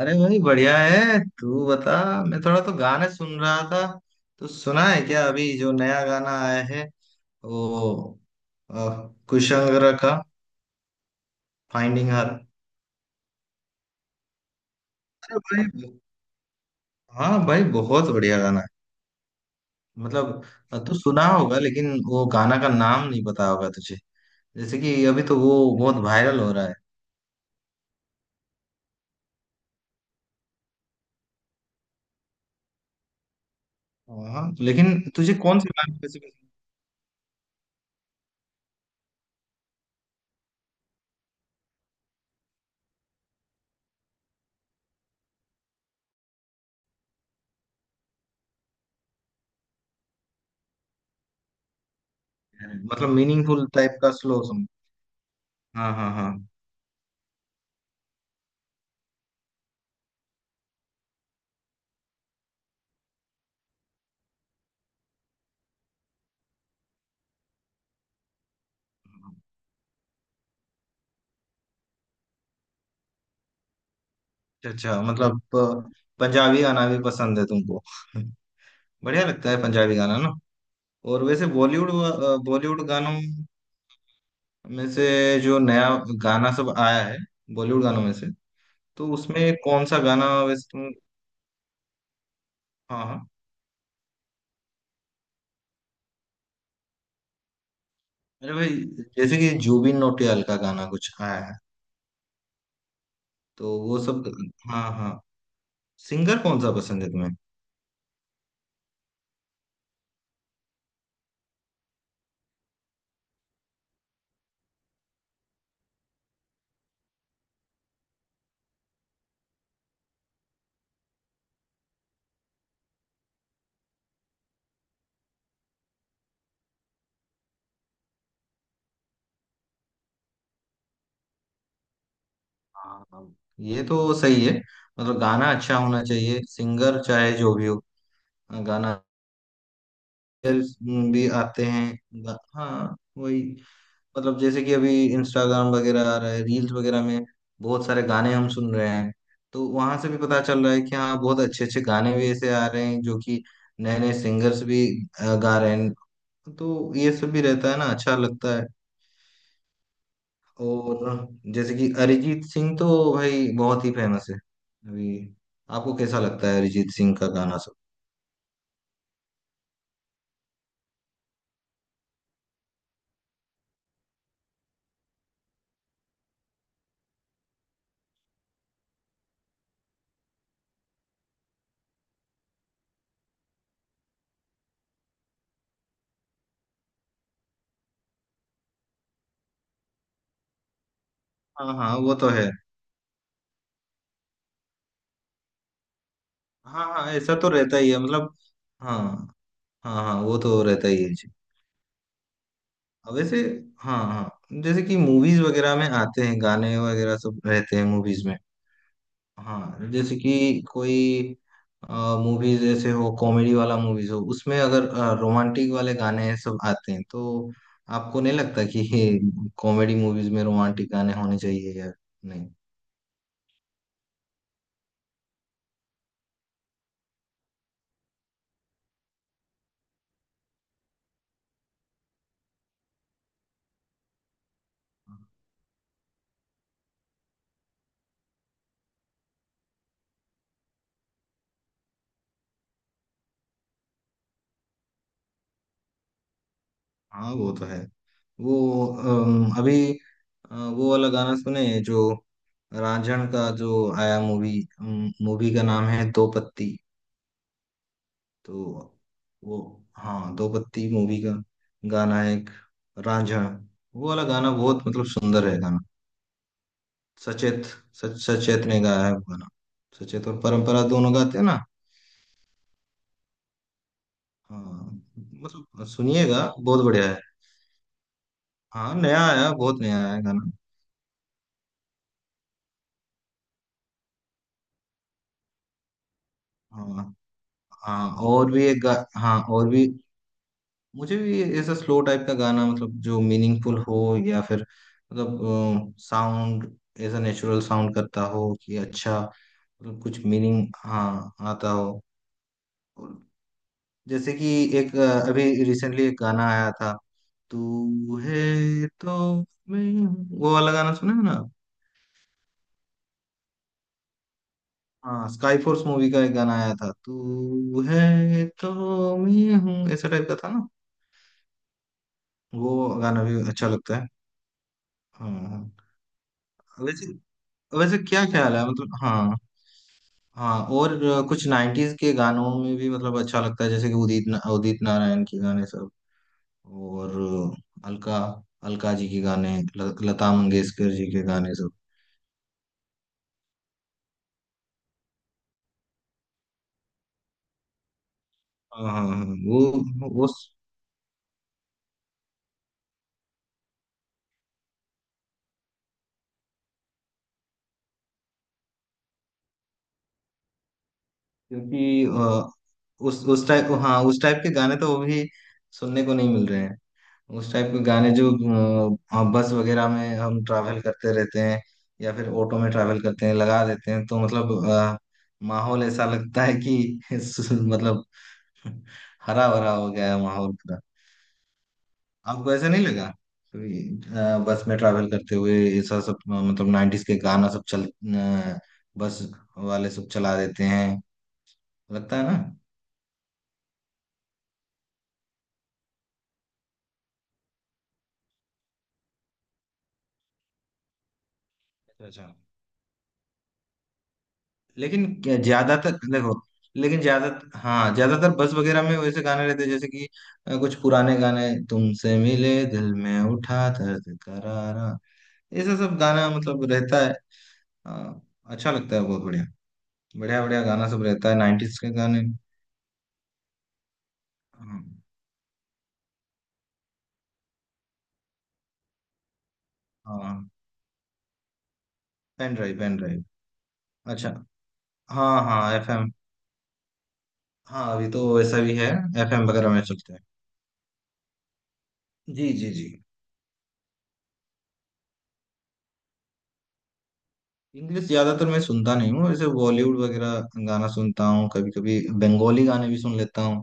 अरे भाई बढ़िया है। तू बता। मैं थोड़ा तो गाने सुन रहा था। तो सुना है क्या अभी जो नया गाना आया है वो अ, कुशांगरा का फाइंडिंग हर। अरे भाई, हाँ भाई बहुत बढ़िया गाना है। मतलब तू सुना होगा लेकिन वो गाना का नाम नहीं पता होगा तुझे। जैसे कि अभी तो वो बहुत वायरल हो रहा है। हाँ लेकिन तुझे कौन से गाने कैसे पसंद है? मतलब मीनिंगफुल टाइप का स्लो सॉन्ग। हाँ हाँ हाँ। अच्छा अच्छा, मतलब पंजाबी गाना भी पसंद है तुमको? बढ़िया लगता है पंजाबी गाना ना। और वैसे बॉलीवुड, बॉलीवुड गानों में से जो नया गाना सब आया है बॉलीवुड गानों में से तो उसमें कौन सा गाना वैसे तुम। हाँ हाँ। अरे भाई, जैसे कि जुबिन नौटियाल का गाना कुछ आया है तो वो सब। हाँ हाँ। सिंगर कौन सा पसंद है तुम्हें? हाँ हाँ, ये तो सही है। मतलब गाना अच्छा होना चाहिए, सिंगर चाहे जो भी हो। गाना रील्स भी आते हैं। हाँ वही। मतलब जैसे कि अभी इंस्टाग्राम वगैरह आ रहा है, रील्स वगैरह में बहुत सारे गाने हम सुन रहे हैं। तो वहां से भी पता चल रहा है कि हाँ बहुत अच्छे अच्छे गाने भी ऐसे आ रहे हैं जो कि नए नए सिंगर्स भी गा रहे हैं। तो ये सब भी रहता है ना, अच्छा लगता है। और जैसे कि अरिजीत सिंह तो भाई बहुत ही फेमस है अभी। आपको कैसा लगता है अरिजीत सिंह का गाना सब? हाँ हाँ वो तो है। हाँ हाँ ऐसा तो रहता ही है, मतलब हाँ हाँ हाँ वो तो रहता ही है जी। अब वैसे, हाँ हाँ जैसे कि मूवीज वगैरह में आते हैं गाने वगैरह सब रहते हैं मूवीज में। हाँ जैसे कि कोई मूवीज, जैसे हो कॉमेडी वाला मूवीज हो उसमें अगर रोमांटिक वाले गाने सब आते हैं तो आपको नहीं लगता कि ये कॉमेडी मूवीज में रोमांटिक गाने होने चाहिए या नहीं? हाँ वो तो है। वो अभी वो वाला गाना सुने जो रांझण का जो आया मूवी। मूवी का नाम है दो पत्ती। तो वो, हाँ दो पत्ती मूवी का गाना है एक, रांझण। वो वाला गाना बहुत मतलब सुंदर है गाना। सचेत, सच सचेत ने गाया है वो गाना। सचेत और परंपरा दोनों गाते हैं ना। हाँ। मतलब सुनिएगा, बहुत बढ़िया है। हाँ नया आया, बहुत नया आया है गाना। हाँ हाँ और भी एक गा। हाँ और भी मुझे भी ऐसा स्लो टाइप का गाना मतलब जो मीनिंगफुल हो, या फिर मतलब साउंड ऐसा नेचुरल साउंड करता हो कि अच्छा, मतलब कुछ मीनिंग हाँ आता हो। और जैसे कि एक अभी रिसेंटली एक गाना आया था, तू है तो मैं हूँ, वो वाला गाना सुना है ना। हाँ, स्काई फोर्स मूवी का एक गाना आया था, तू है तो मैं हूँ, ऐसा टाइप का था ना। वो गाना भी अच्छा लगता है। हाँ वैसे, क्या ख्याल है मतलब, हाँ हाँ और कुछ नाइन्टीज के गानों में भी मतलब अच्छा लगता है, जैसे कि उदित नारायण के गाने सब। और अलका, अलका जी के गाने, लता मंगेशकर जी के गाने सब। हाँ हाँ हाँ, क्योंकि उस टाइप, हाँ उस टाइप के गाने तो वो भी सुनने को नहीं मिल रहे हैं। उस टाइप के गाने जो बस वगैरह में हम ट्रैवल करते रहते हैं या फिर ऑटो में ट्रैवल करते हैं लगा देते हैं, तो मतलब माहौल ऐसा लगता है कि मतलब हरा भरा हो गया है माहौल पूरा। आपको ऐसा नहीं लगा कभी, बस में ट्रैवल करते हुए? ऐसा सब मतलब नाइन्टीज के गाना सब बस वाले सब चला देते हैं, लगता है ना। अच्छा अच्छा। ज्यादातर देखो, लेकिन ज्यादातर, हाँ ज्यादातर बस वगैरह में वैसे गाने रहते हैं, जैसे कि कुछ पुराने गाने, तुमसे मिले दिल में उठा दर्द करारा, ऐसा सब गाना मतलब रहता है। अ, अच्छा लगता है, बहुत बढ़िया। बढ़िया बढ़िया गाना सब रहता है नाइन्टीज के गाने। हाँ हाँ। Pen drive, pen drive. अच्छा। हाँ हाँ एफ एम। हाँ अभी तो वैसा भी है। एफ एम वगैरह में चलते हैं। जी जी जी। इंग्लिश ज्यादातर मैं सुनता नहीं हूँ, जैसे बॉलीवुड वगैरह गाना सुनता हूँ। कभी कभी बंगाली गाने भी सुन लेता हूँ।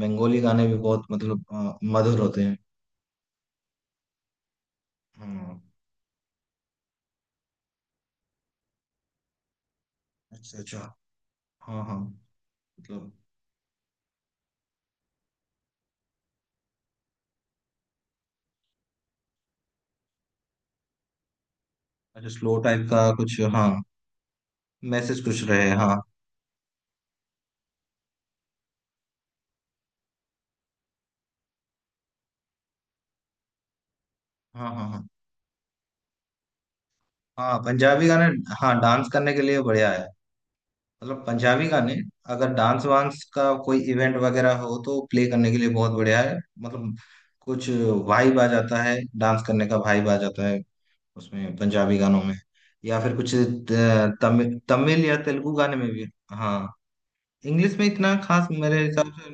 बंगाली गाने भी बहुत मतलब मधुर होते हैं। हाँ। अच्छा अच्छा। हाँ हाँ मतलब। अच्छा, स्लो टाइप का कुछ, हाँ मैसेज कुछ रहे, हाँ। हाँ हाँ हाँ हाँ। पंजाबी गाने। हाँ डांस करने के लिए बढ़िया है, मतलब पंजाबी गाने। अगर डांस वांस का कोई इवेंट वगैरह हो तो प्ले करने के लिए बहुत बढ़िया है, मतलब कुछ वाइब आ जाता है। डांस करने का वाइब आ जाता है उसमें, पंजाबी गानों में। या फिर कुछ तमिल, तमिल या तेलुगु गाने में भी। हाँ इंग्लिश में इतना खास मेरे हिसाब से।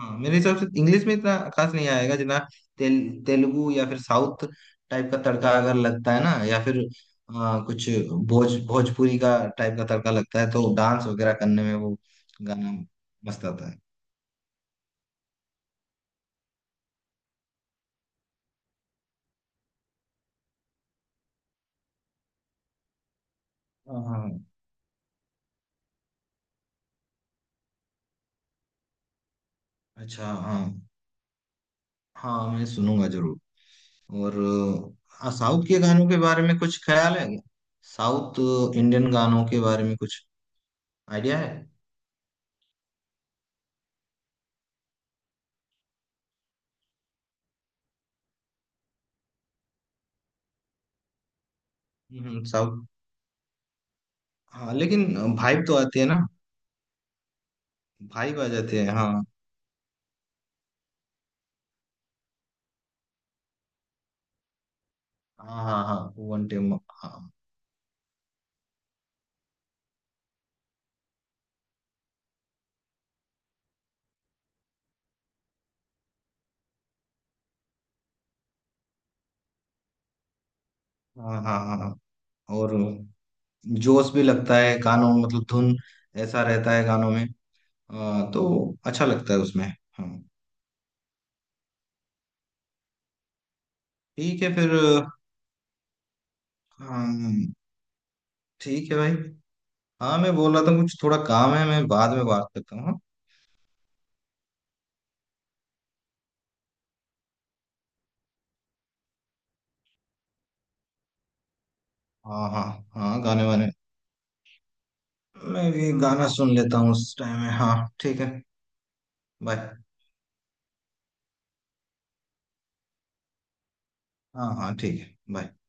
हाँ मेरे हिसाब से इंग्लिश में इतना खास नहीं आएगा, जितना तेल तेलुगु या फिर साउथ टाइप का तड़का अगर लगता है ना, या फिर कुछ भोजपुरी का टाइप का तड़का लगता है, तो डांस वगैरह करने में वो गाना मस्त आता है। हाँ हाँ, अच्छा हाँ। हाँ मैं सुनूंगा जरूर। और साउथ के गानों के बारे में कुछ ख्याल है क्या? साउथ इंडियन गानों के बारे में कुछ आइडिया है? हम्म, साउथ। हाँ लेकिन भाइब तो आती है ना? भाइब आ जाते हैं, हाँ। हाँ हाँ हाँ। वन टाइम, हाँ। हाँ हाँ हाँ हाँ। और जोश भी लगता है गानों में, मतलब धुन ऐसा रहता है गानों में। तो अच्छा लगता है उसमें। हाँ। ठीक है फिर। हाँ ठीक है भाई। हाँ मैं बोल रहा था, कुछ थोड़ा काम है, मैं बाद में बात करता हूँ, हाँ? हाँ। हाँ हाँ गाने वाने मैं भी गाना सुन लेता हूँ उस टाइम में, हाँ। ठीक है, बाय। हाँ हाँ ठीक है, बाय।